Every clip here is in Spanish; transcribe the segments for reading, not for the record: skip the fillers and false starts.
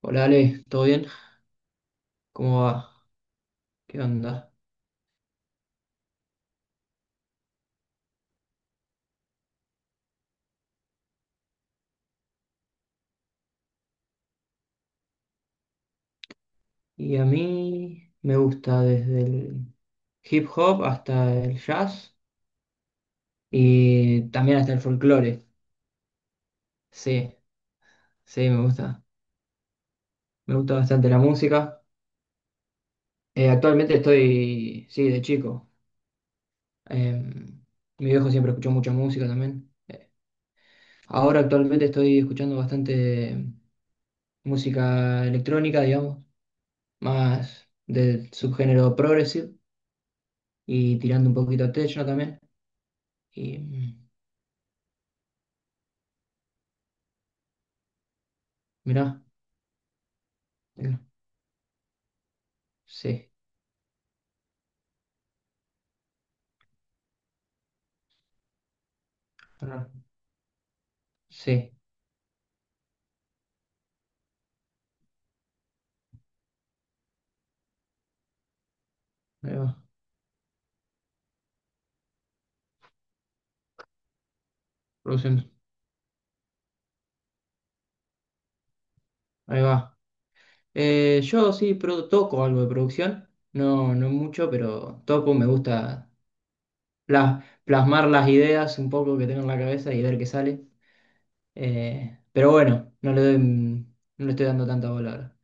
Hola Ale, ¿todo bien? ¿Cómo va? ¿Qué onda? Y a mí me gusta desde el hip hop hasta el jazz y también hasta el folclore. Sí, sí, me gusta. Me gusta bastante la música. Actualmente estoy, sí, de chico. Em, mi viejo siempre escuchó mucha música también. Ahora actualmente estoy escuchando bastante música electrónica, digamos, más del subgénero progressive y tirando un poquito a techno también. Y mirá. Bueno, sí, pará, sí, ahí va, produciendo, ahí va. Yo sí toco algo de producción, no, no mucho, pero toco, me gusta plasmar las ideas un poco que tengo en la cabeza y ver qué sale. Pero bueno, no le doy, no le estoy dando tanta bola ahora.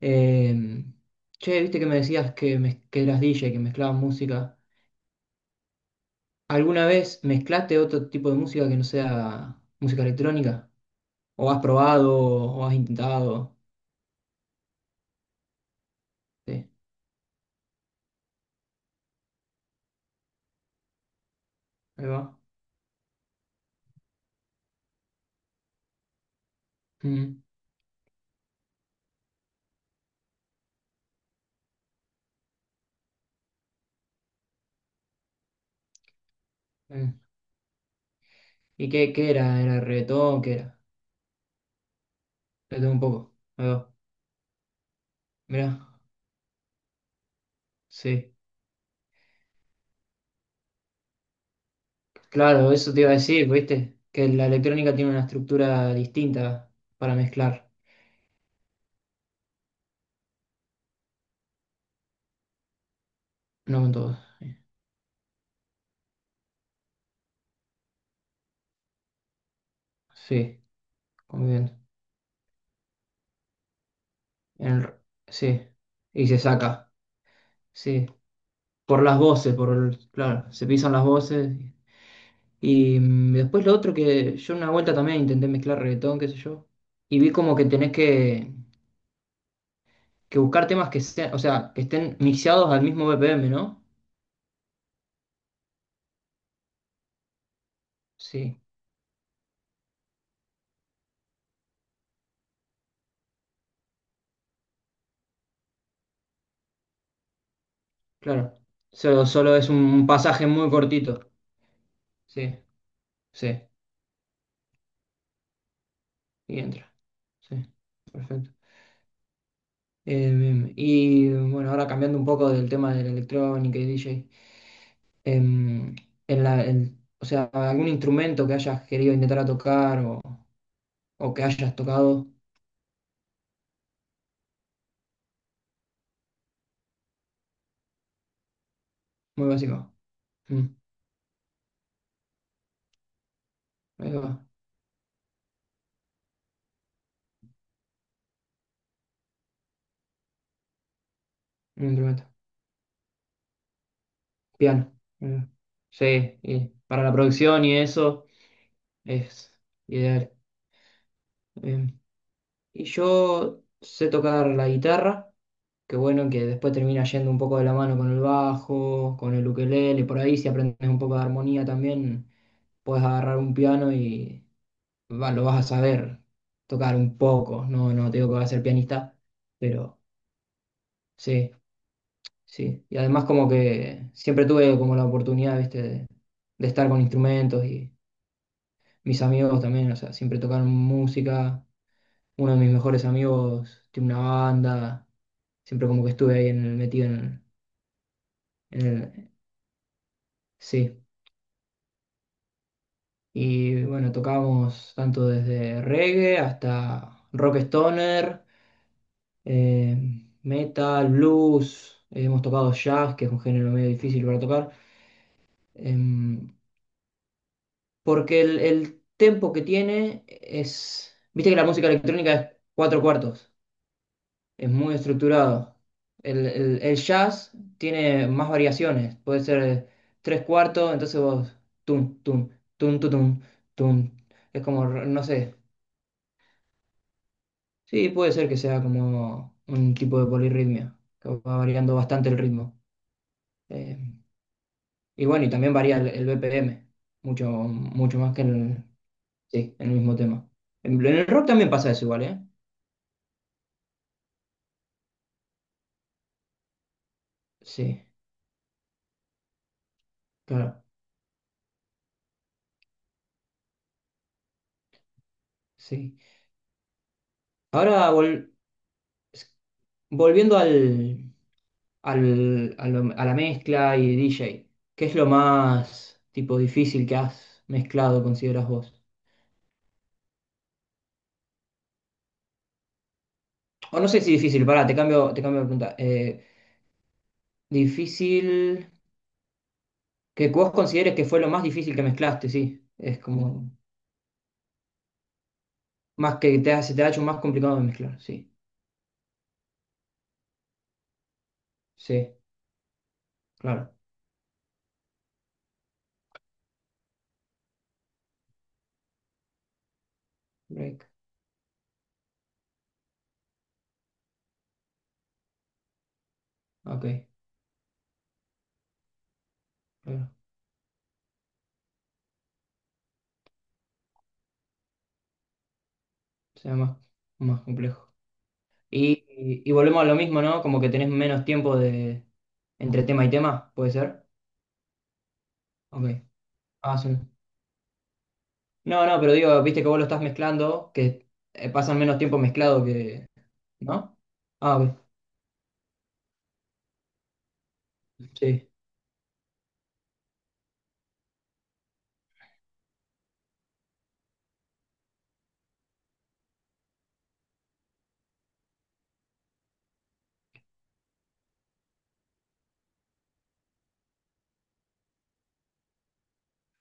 Eh, che, viste que me decías que, que eras DJ, que mezclabas música. ¿Alguna vez mezclaste otro tipo de música que no sea música electrónica? ¿O has probado o has intentado? Sí, ahí va. Mm, eh. ¿Y qué era? ¿Era reggaetón? ¿Qué era? Reggaetón un poco. Ahí va. Mirá. Sí. Claro, eso te iba a decir, ¿viste? Que la electrónica tiene una estructura distinta para mezclar. No con todo. Sí, muy bien. El r- sí. Y se saca. Sí. Por las voces, claro, se pisan las voces. Y después lo otro que yo una vuelta también intenté mezclar reggaetón, qué sé yo. Y vi como que tenés que buscar temas que sean, o sea, que estén mixeados al mismo BPM, ¿no? Sí, claro. Solo, solo es un pasaje muy cortito. Sí, sí, y entra. Sí, perfecto. Y bueno, ahora cambiando un poco del tema de la electrónica y DJ. em, o sea, algún instrumento que hayas querido intentar a tocar o que hayas tocado, muy básico. Mm, ahí va, un instrumento. Piano. Mm. Sí, y para la producción y eso es ideal. Eh, y yo sé tocar la guitarra, que bueno, que después termina yendo un poco de la mano con el bajo, con el ukelele, por ahí si aprendes un poco de armonía también, puedes agarrar un piano y lo vas a saber tocar un poco. No, no te digo que vas a ser pianista, pero sí, sí. Y además como que siempre tuve como la oportunidad, viste, de estar con instrumentos y mis amigos también, o sea, siempre tocaron música. Uno de mis mejores amigos tiene una banda. Siempre como que estuve ahí en el, metido en el. Sí. Y bueno, tocamos tanto desde reggae hasta rock stoner, eh, metal, blues. Hemos tocado jazz, que es un género medio difícil para tocar. Em, porque el tempo que tiene es. Viste que la música electrónica es cuatro cuartos, es muy estructurado. El jazz tiene más variaciones, puede ser tres cuartos, entonces vos. Tum, tum, tum, tum, tum, tum. Es como, no sé. Sí, puede ser que sea como un tipo de polirritmia, que va variando bastante el ritmo. Eh, Y bueno, y también varía el BPM, mucho, mucho más que en el, sí, en el mismo tema. En el rock también pasa eso igual, ¿eh? Sí, claro, sí. Ahora, volviendo a la mezcla y DJ, ¿qué es lo más tipo difícil que has mezclado, consideras vos? O no sé si difícil, pará, te cambio de pregunta. Difícil, que vos consideres que fue lo más difícil que mezclaste, sí. Es como... Más que te, hace te ha hecho más complicado de mezclar, sí, sí, claro. Break, ok, claro. O sea, más, más complejo. Y volvemos a lo mismo, ¿no? Como que tenés menos tiempo de entre tema y tema, ¿puede ser? Ok. Ah, sí. No, no, pero digo, viste que vos lo estás mezclando, que pasan menos tiempo mezclado que, ¿no? Ah, ok. Sí,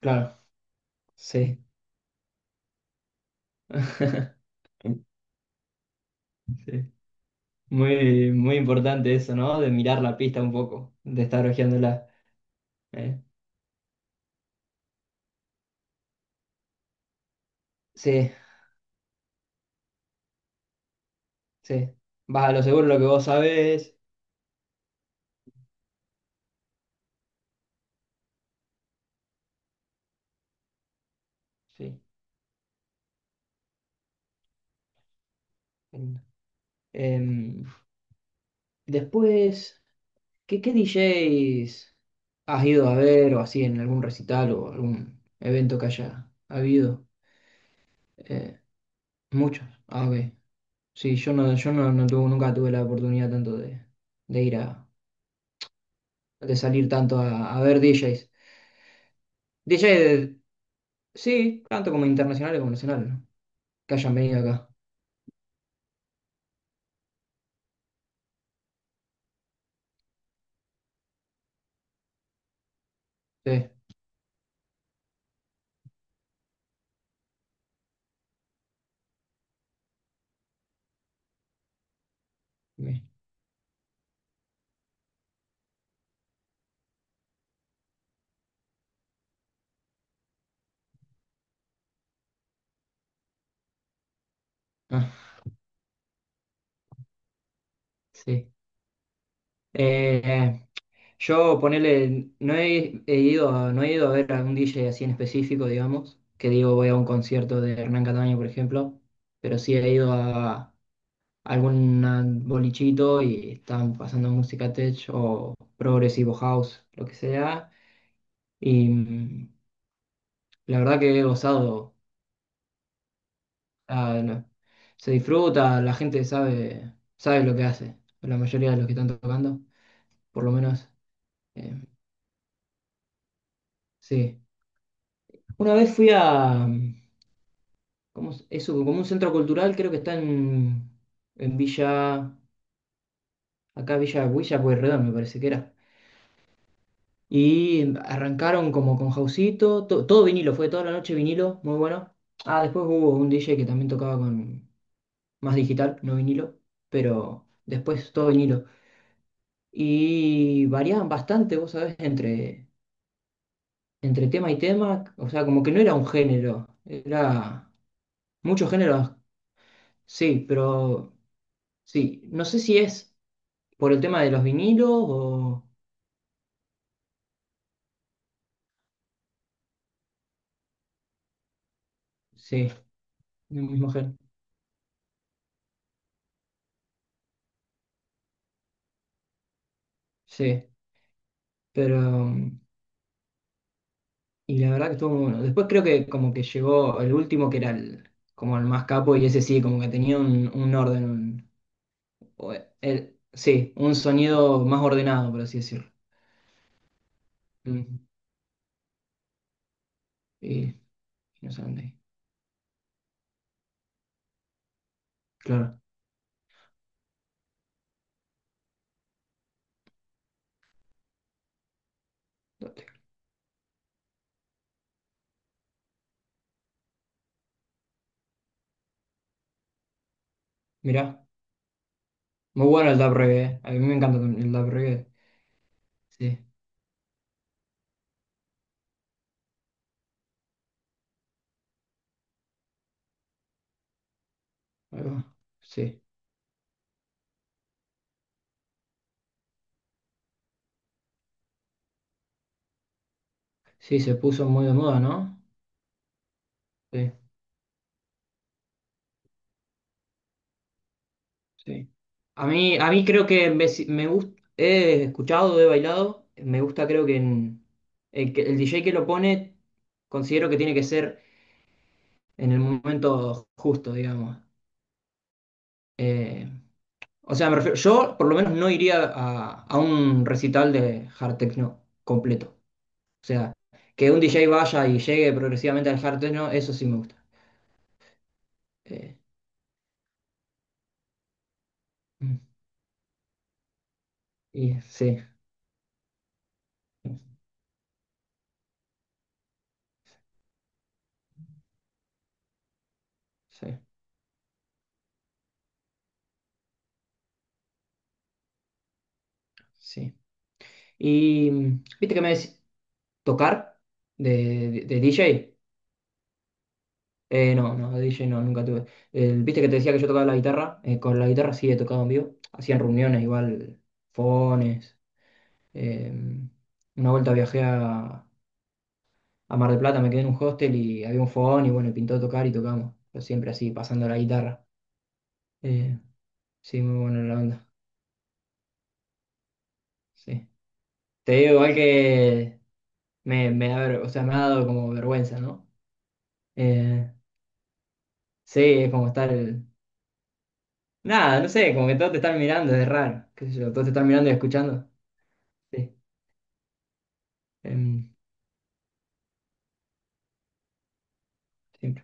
claro, sí. Sí. Muy, muy importante eso, ¿no? De mirar la pista un poco, de estar hojeándola, ¿eh? Sí, sí, vas a lo seguro lo que vos sabés. Sí, entiendo. Em, después, ¿qué DJs has ido a ver o así en algún recital o algún evento que haya habido? Eh, muchos. Ah, ok. Sí, yo no, yo no, nunca tuve la oportunidad tanto de ir a, de salir tanto a ver DJs. DJs, sí, tanto como internacionales como nacionales, ¿no? Que hayan venido acá. Sí, bien. Ah, sí. Eh, Yo ponele, no he, he ido a, no he ido a ver a un DJ así en específico, digamos, que digo voy a un concierto de Hernán Cataño, por ejemplo, pero sí he ido a algún bolichito y están pasando música tech o progresivo house, lo que sea, y la verdad que he gozado, no, se disfruta, la gente sabe, lo que hace, la mayoría de los que están tocando, por lo menos, eh, sí. Una vez fui a... ¿Cómo es eso? Como un centro cultural, creo que está en Villa, acá Villa Pueyrredón, me parece que era. Y arrancaron como con Jausito, todo vinilo, fue toda la noche vinilo, muy bueno. Ah, después hubo un DJ que también tocaba con más digital, no vinilo, pero después todo vinilo. Y variaban bastante, vos sabés, entre tema y tema, o sea, como que no era un género, era muchos géneros, sí, pero sí, no sé si es. Por el tema de los vinilos o... Sí, mi mujer. Sí, pero... Y la verdad que estuvo muy bueno. Después creo que como que llegó el último que era el, como el más capo y ese sí, como que tenía un orden. O sí, un sonido más ordenado, por así decirlo. Mm, Y no sé dónde. Claro. Mirá, muy bueno el dub reggae. A mí me encanta el dub reggae. Sí, ahí va. Sí, sí, se puso muy de moda, ¿no? Sí. Sí. A mí creo que me, si, he escuchado, he bailado, me gusta creo que, el DJ que lo pone, considero que tiene que ser en el momento justo, digamos. Eh, o sea, me refiero, yo por lo menos no iría a un recital de hard techno completo. O sea, que un DJ vaya y llegue progresivamente al hard techno, eso sí me gusta. Eh, mm, y sí, sí, sí. Y viste que me decís, tocar de DJ. No, no, de DJ no, nunca tuve. Viste que te decía que yo tocaba la guitarra. Con la guitarra sí he tocado en vivo. Hacían reuniones igual, fones. eh, una vuelta viajé a Mar del Plata, me quedé en un hostel y había un fogón y bueno, pintó tocar y tocamos. Pero siempre así, pasando la guitarra. Eh, sí, muy buena la onda. Sí. Te digo igual que me da o sea, me ha dado como vergüenza, ¿no? Eh, sí, es como estar... Nada, no sé, como que todos te están mirando, es raro. ¿Qué sé yo? Todos te están mirando y escuchando. Sí, em, siempre.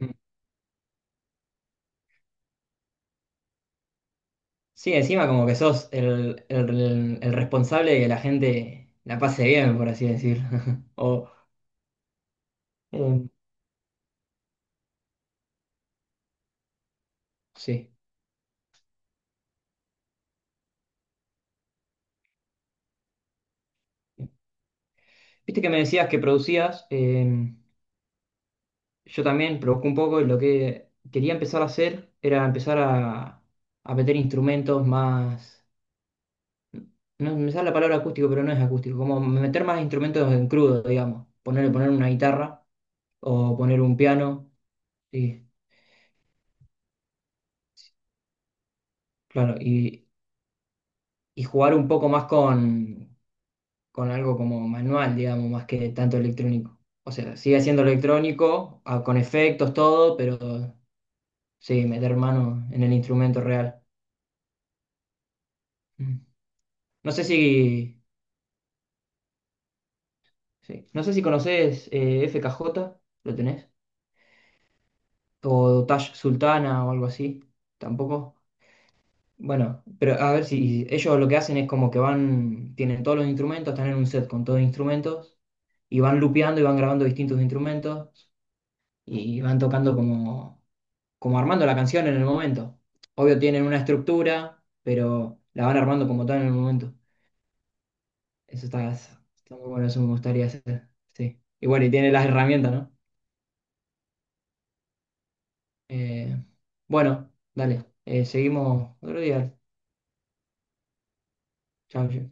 Mm. Sí, encima como que sos el responsable de que la gente la pase bien, por así decirlo. O, em, sí. Viste que me decías que producías, yo también provoco un poco y lo que quería empezar a hacer era empezar a meter instrumentos más... No me sale la palabra acústico, pero no es acústico, como meter más instrumentos en crudo, digamos. Poner una guitarra. O poner un piano, sí, claro, y jugar un poco más con algo como manual, digamos, más que tanto electrónico. O sea, sigue siendo electrónico, con efectos, todo, pero sí, meter mano en el instrumento real. Mm. No sé si, sí, no sé si conoces FKJ, ¿lo tenés? O Tash Sultana o algo así, tampoco. Bueno, pero a ver si ellos lo que hacen es como que van, tienen todos los instrumentos, están en un set con todos los instrumentos y van lupeando y van grabando distintos instrumentos y van tocando como armando la canción en el momento. Obvio tienen una estructura, pero la van armando como tal en el momento. Eso está muy bueno, eso me gustaría hacer. Sí. Y bueno, y tiene las herramientas, ¿no? Eh, bueno, dale, seguimos otro día. Chao,